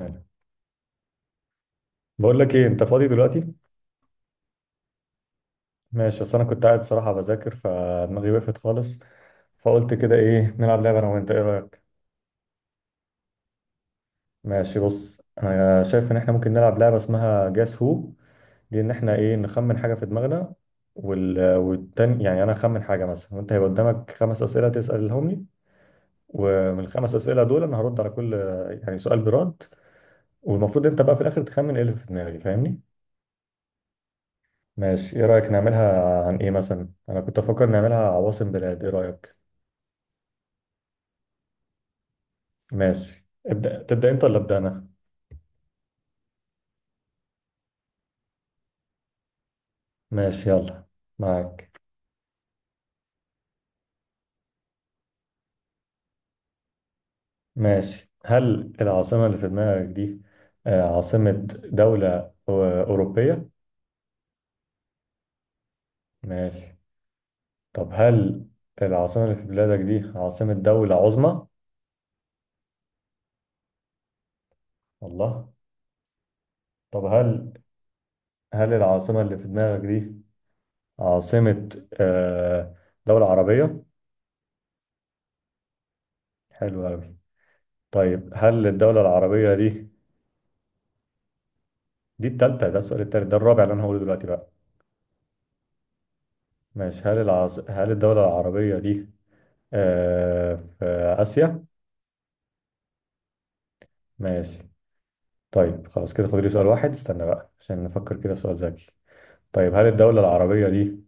يعني. بقول لك ايه، انت فاضي دلوقتي؟ ماشي، اصل انا كنت قاعد صراحه بذاكر فدماغي وقفت خالص، فقلت كده ايه نلعب لعبه انا وانت، ايه رايك؟ ماشي، بص انا شايف ان احنا ممكن نلعب لعبه اسمها جاس هو، دي ان احنا ايه نخمن حاجه في دماغنا، والتاني يعني انا اخمن حاجه مثلا وانت هيبقى قدامك خمس اسئله تسالهم لي، ومن الخمس اسئله دول انا هرد على كل يعني سؤال برد. والمفروض انت بقى في الاخر تخمن ايه اللي في دماغي، فاهمني؟ ماشي، ايه رأيك نعملها عن ايه؟ مثلا انا كنت افكر نعملها عواصم بلاد، ايه رأيك؟ ماشي، ابدأ تبدأ انت ولا ابدأ انا؟ ماشي يلا. معاك. ماشي، هل العاصمة اللي في دماغك دي آه، عاصمة دولة أوروبية؟ ماشي. طب هل العاصمة اللي في بلادك دي عاصمة دولة عظمى؟ الله. طب هل العاصمة اللي في دماغك دي عاصمة آه، دولة عربية؟ حلو أوي. طيب هل الدولة العربية دي، دي التالتة، ده السؤال التالت، ده الرابع اللي أنا هقوله دلوقتي بقى. ماشي، هل الدولة العربية دي آه في آسيا؟ ماشي، طيب خلاص كده فاضل لي سؤال واحد، استنى بقى عشان نفكر كده في سؤال ذكي. طيب هل الدولة العربية دي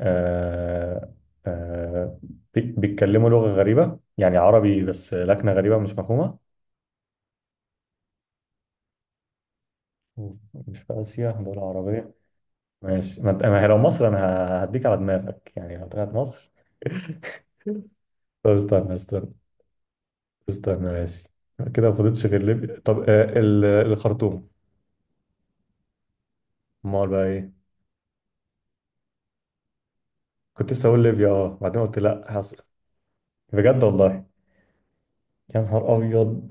آه آه بيتكلموا لغة غريبة؟ يعني عربي بس لكنة غريبة مش مفهومة؟ مش في آسيا دولة عربية؟ ماشي. ما هي لو مصر أنا هديك على دماغك، يعني لو طلعت مصر. طب استنى استنى، ماشي. كده ما فضلتش غير ليبيا. طب آه الخرطوم؟ امال بقى ايه؟ كنت لسه اقول ليبيا، اه بعدين قلت لا، حصل. بجد والله. يا نهار ابيض.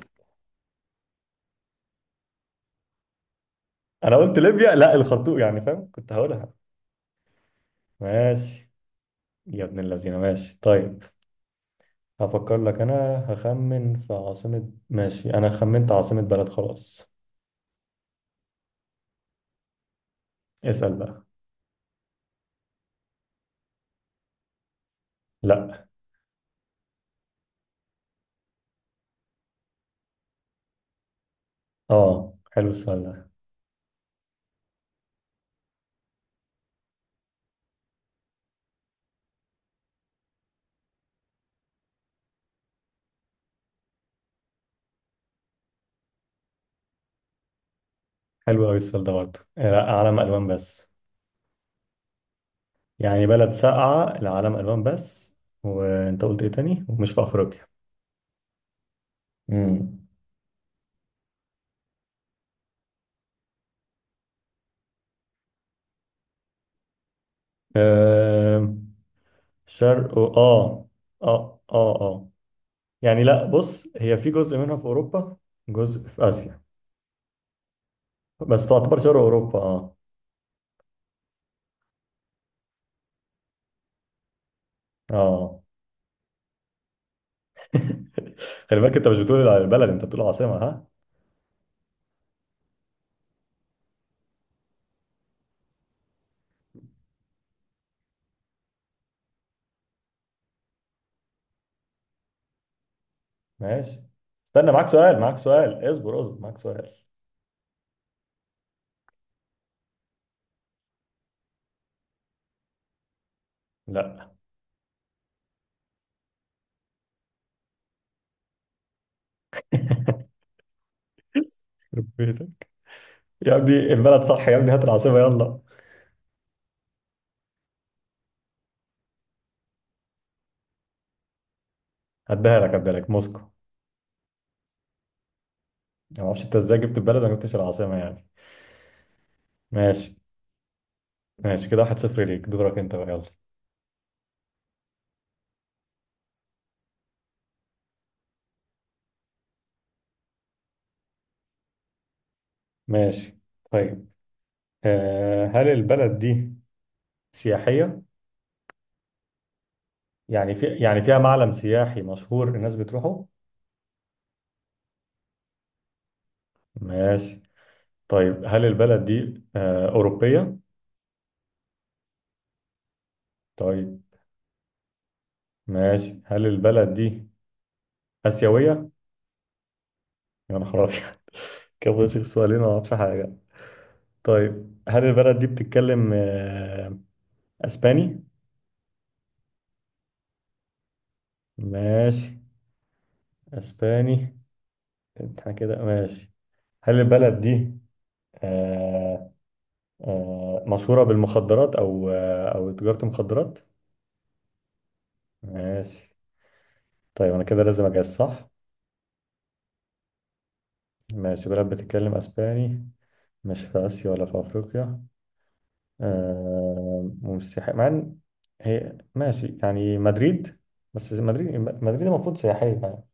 انا قلت ليبيا لا الخرطوم، يعني فاهم كنت هقولها. ماشي، يا ابن اللذينه. ماشي طيب، هفكر لك انا، هخمن في عاصمة. ماشي انا خمنت عاصمة بلد خلاص. اسأل بقى. لا. اه حلو السؤال ده. حلو قوي السؤال ده برضه، آه، لا علم الوان بس. يعني بلد ساقعة العلم ألوان بس. وأنت قلت إيه تاني؟ ومش في أفريقيا. مم. آه، شرق آه، آه، يعني لا، بص هي في جزء منها في أوروبا، جزء في آسيا، بس تعتبر شرق أوروبا، آه. آه خلي بالك، أنت مش بتقول على البلد، أنت بتقول عاصمة، ها. ماشي، استنى معاك سؤال، اصبر، معاك سؤال. لا. يخرب بيتك يا ابني، البلد صح يا ابني، هات العاصمة يلا. هديها لك موسكو. يعني ما اعرفش انت ازاي جبت البلد ما جبتش العاصمة يعني. ماشي ماشي كده، واحد صفر ليك، دورك انت بقى يلا. ماشي طيب، آه هل البلد دي سياحية؟ يعني في، يعني فيها معلم سياحي مشهور الناس بتروحه. ماشي طيب، هل البلد دي آه أوروبية؟ طيب ماشي، هل البلد دي آسيوية؟ يا نهار أبيض. كده بشيخ سؤالين ما اعرفش حاجة. طيب هل البلد دي بتتكلم آه أسباني؟ ماشي. أسباني. احنا كده ماشي. هل البلد دي آه، آه، مشهورة بالمخدرات أو آه، أو تجارة مخدرات؟ ماشي طيب، أنا كده لازم أجهز صح؟ ماشي، بلد بتتكلم أسباني، مش في آسيا ولا في أفريقيا، آه، ومش سياحية، مع إن هي ماشي يعني مدريد، بس مدريد المفروض سياحية يعني.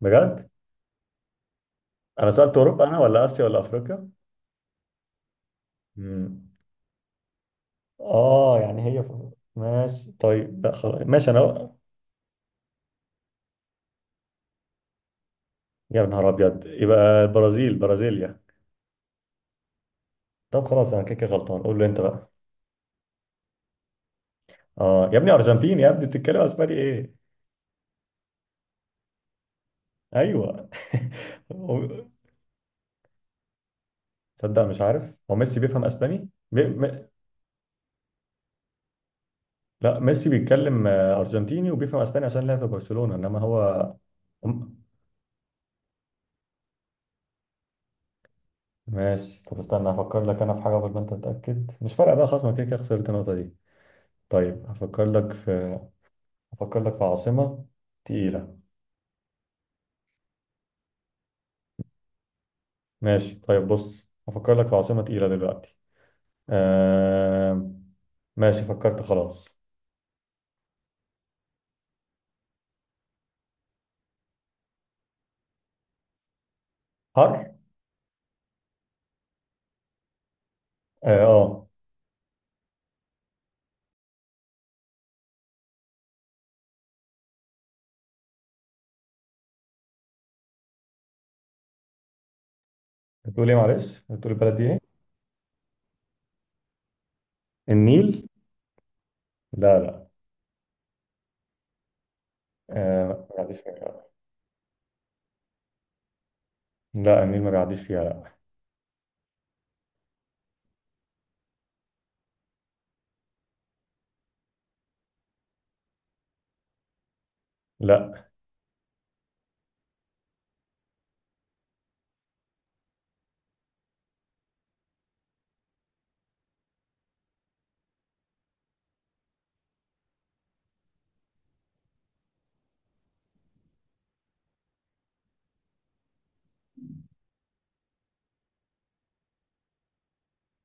بجد؟ أنا سألت أوروبا أنا ولا آسيا ولا أفريقيا؟ مم. آه يعني ماشي طيب لا خلاص ماشي أنا. يا نهار أبيض، يبقى البرازيل، برازيليا. طب خلاص انا كده كده غلطان، قول له انت بقى. اه يا ابني ارجنتيني، يا ابني بتتكلم اسباني ايه. ايوه. هو- تصدق مش عارف، هو ميسي بيفهم اسباني لا ميسي بيتكلم آه، ارجنتيني وبيفهم اسباني عشان لعب في برشلونة، انما هو أم- ماشي. طب استنى هفكر لك انا في حاجة، قبل ما انت تتأكد مش فارقة بقى خلاص، ما كده كده خسرت النقطة دي. طيب هفكر لك في عاصمة تقيلة. ماشي طيب بص، هفكر لك في عاصمة تقيلة دلوقتي، آه... ماشي فكرت خلاص. حر، اه آه. بتقول ايه؟ معلش بتقول البلد دي ايه؟ النيل؟ لا. آه ما بيعديش فيها لا. النيل ما بيعديش فيها لا. لا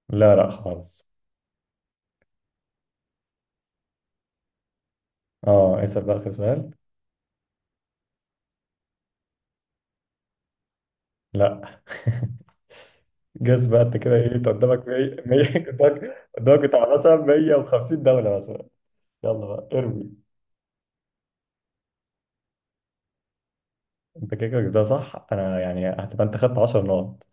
لا خالص. اه اسأل بقى آخر سؤال. لا. جاز بقى انت كده، ايه انت قدامك 100، 100 قدامك بتاع مثلا 150 دولة مثلا. يلا بقى ارمي. انت كده كده جبتها صح انا يعني، هتبقى انت خدت 10 نقط.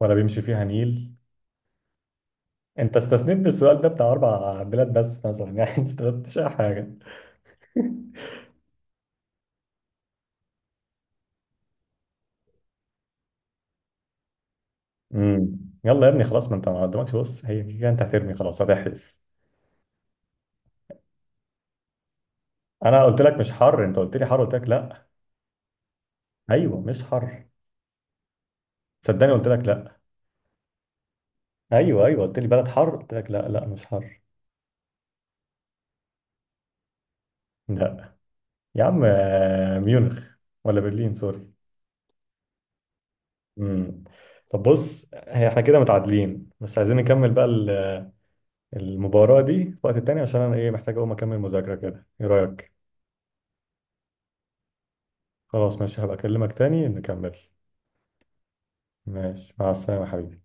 ولا بيمشي فيها نيل؟ انت استثنيت بالسؤال ده بتاع اربع بلاد بس مثلا يعني ما استفدتش اي حاجة. امم. يلا يا ابني خلاص، ما انت ما قدامكش، بص هي كده كده انت هترمي خلاص هتحلف. انا قلت لك مش حر، انت قلت لي حر قلت لك لا. ايوه مش حر. صدقني قلت لك لا. ايوه ايوه قلت لي بلد حر قلت لك لا مش حر. لا. يا عم آه، ميونخ، ولا برلين سوري. امم. طب بص هي احنا كده متعادلين، بس عايزين نكمل بقى المباراة دي في وقت تاني، عشان انا ايه محتاج اقوم اكمل مذاكرة كده، ايه رأيك؟ خلاص ماشي، هبقى اكلمك تاني نكمل. ماشي مع السلامة يا حبيبي.